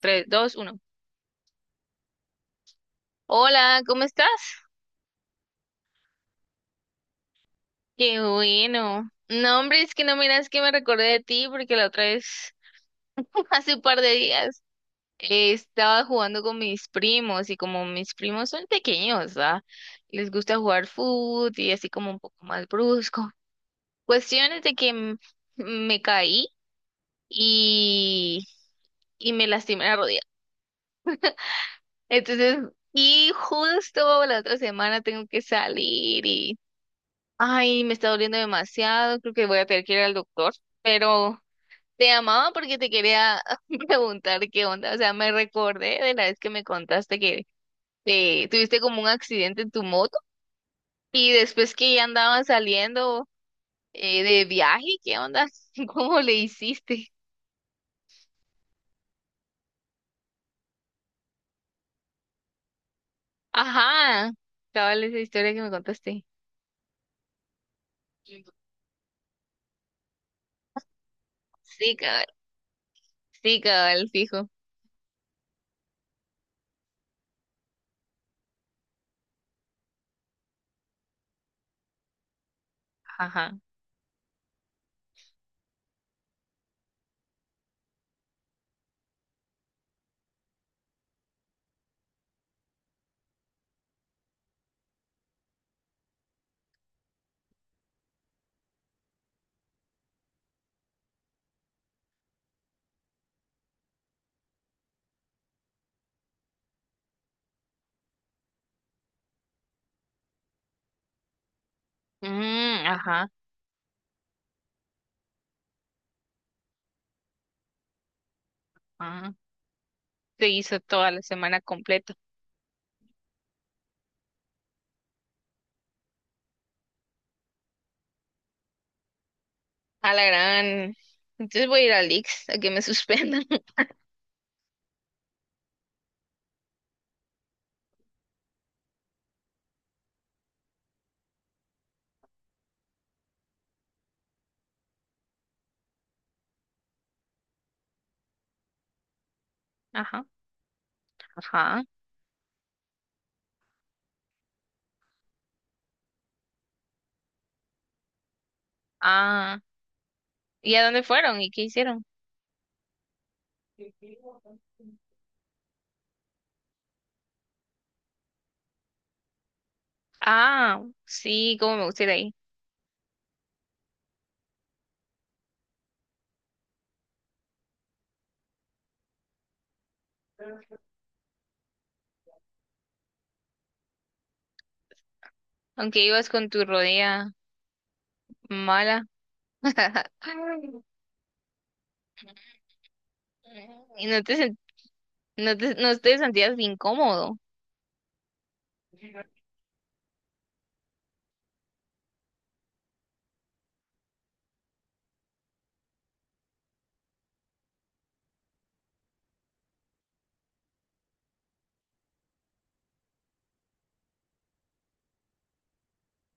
Tres, dos, uno. Hola, ¿cómo estás? Qué bueno. No, hombre, es que no miras que me recordé de ti porque la otra vez, hace un par de días, estaba jugando con mis primos y como mis primos son pequeños, ¿va? Les gusta jugar fútbol y así como un poco más brusco. Cuestiones de que me caí y, y me lastimé la rodilla. Entonces, y justo la otra semana tengo que salir. Ay, me está doliendo demasiado, creo que voy a tener que ir al doctor, pero te llamaba porque te quería preguntar qué onda, o sea, me recordé de la vez que me contaste que te tuviste como un accidente en tu moto y después que ya andaban saliendo, de viaje, ¿qué onda? ¿Cómo le hiciste? Ajá, cabal esa historia que me contaste. Sí, cabal, sí, cabal, fijo. Ajá. Mm, ajá, ajá. Se hizo toda la semana completa. A la gran. Entonces voy a ir a Lix a que me suspendan. Ajá, ajá. Ah, ¿y a dónde fueron y qué hicieron? Ah, sí, cómo me gusta ir ahí. Aunque ibas con tu rodilla mala. Y no te, no te, no te sentías incómodo.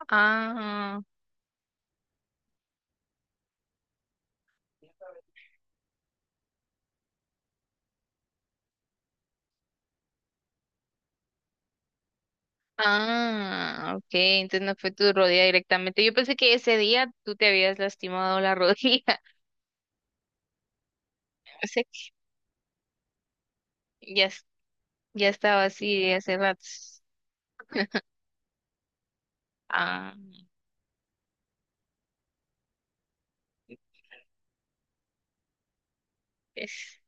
Ah, ah, ok. Entonces no fue tu rodilla directamente. Yo pensé que ese día tú te habías lastimado la rodilla. O sea, ya, ya estaba así hace rato. Ah, es.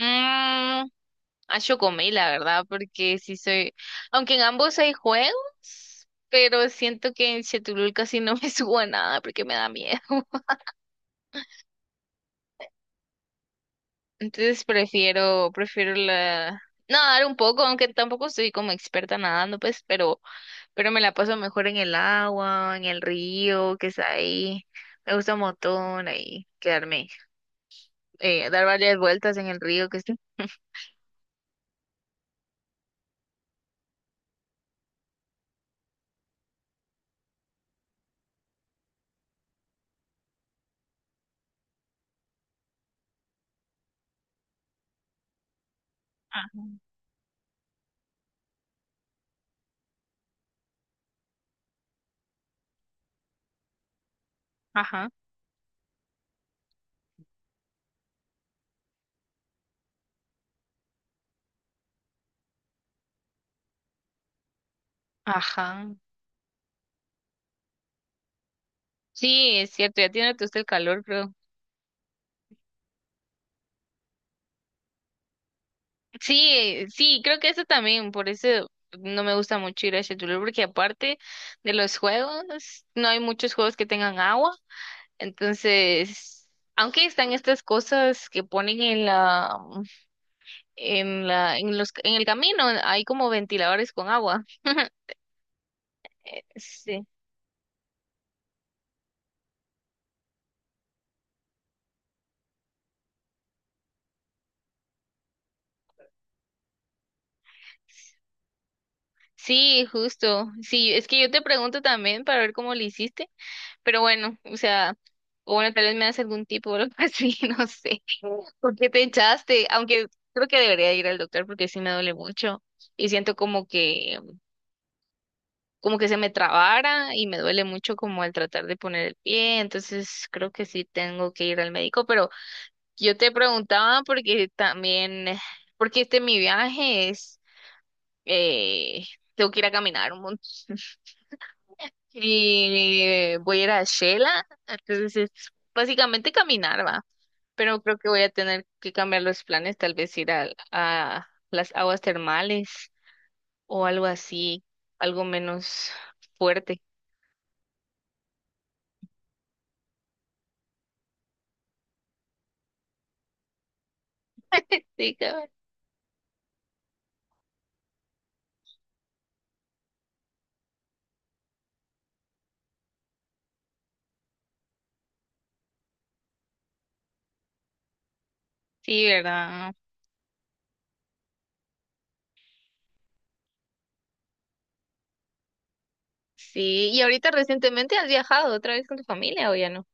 Mm, ah, yo comí, la verdad, porque sí soy. Aunque en ambos hay juegos, pero siento que en Chetulul casi no me subo a nada porque me da miedo. Entonces prefiero la. Nadar un poco, aunque tampoco soy como experta nadando, pero me la paso mejor en el agua, en el río, que está ahí. Me gusta un montón ahí quedarme, dar varias vueltas en el río que está. Ajá, ajá. Sí, es cierto, ya tiene usted el calor, creo. Sí, sí, creo que eso también, por eso no me gusta mucho ir a Cholula, porque aparte de los juegos, no hay muchos juegos que tengan agua, entonces, aunque están estas cosas que ponen en la, en la, en los, en el camino, hay como ventiladores con agua. Sí. Sí, justo. Sí, es que yo te pregunto también para ver cómo le hiciste. Pero bueno, o sea, o bueno, tal vez me hace algún tipo o algo así, no sé. ¿Por qué te echaste? Aunque creo que debería ir al doctor porque sí me duele mucho y siento como que se me trabara y me duele mucho como al tratar de poner el pie, entonces creo que sí tengo que ir al médico, pero yo te preguntaba porque también porque este mi viaje es eh tengo que ir a caminar un montón. Y voy a ir a Shela, entonces es básicamente caminar, ¿va? Pero creo que voy a tener que cambiar los planes, tal vez ir a las aguas termales o algo así, algo menos fuerte. Sí, cabal. Sí, ¿verdad? Sí, ¿y ahorita recientemente has viajado otra vez con tu familia o ya no?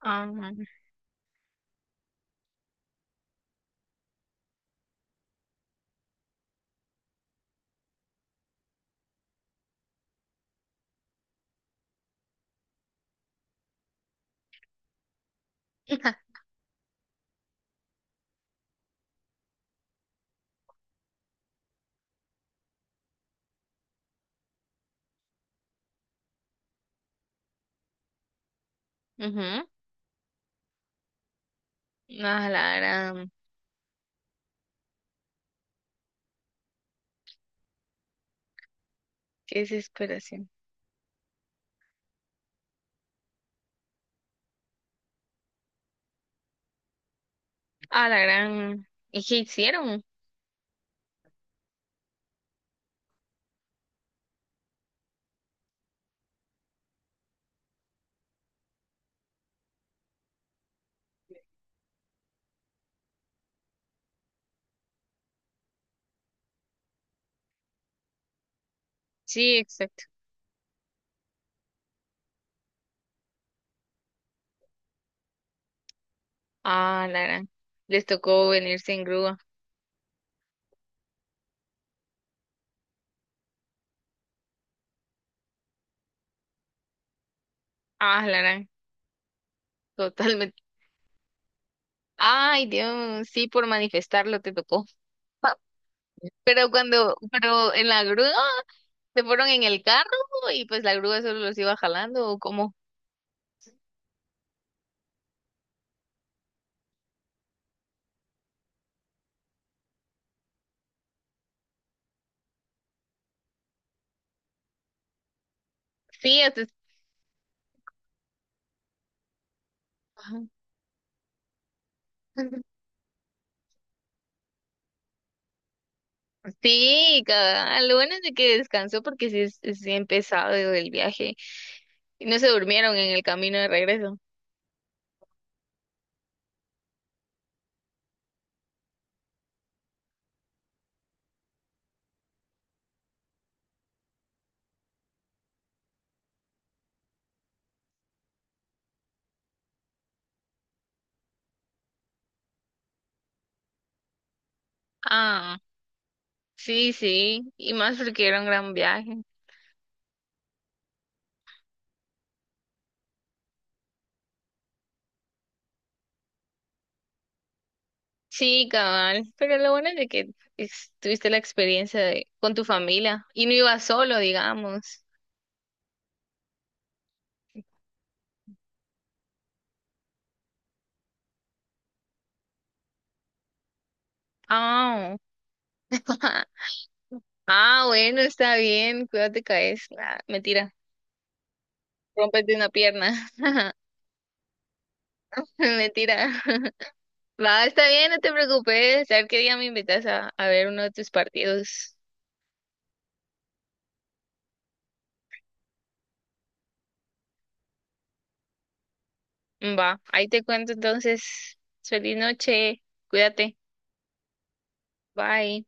Ah, mhm, a la gran, qué desesperación. A la gran, ¿y qué hicieron? Sí, exacto. A la gran, les tocó venirse en grúa. Ah, la gran, totalmente. Ay, Dios, sí, por manifestarlo te tocó. Pero cuando, pero en la grúa, se fueron en el carro y pues la grúa solo los iba jalando o como. Sí, Ajá. Sí, cabal, lo bueno es de que descansó porque sí es bien pesado el viaje. Y no se durmieron en el camino de regreso. Ah, sí, sí. Y más porque era un gran viaje. Sí, cabal. Pero lo bueno es de que tuviste la experiencia de, con tu familia y no ibas solo, digamos. Ah, ah, bueno, está bien, cuídate, caes. Ah, mentira, rompes de una pierna. Mentira. Va, está bien, no te preocupes. A ver qué día me invitas a ver uno de tus partidos. Va, ahí te cuento entonces. Feliz noche, cuídate, bye.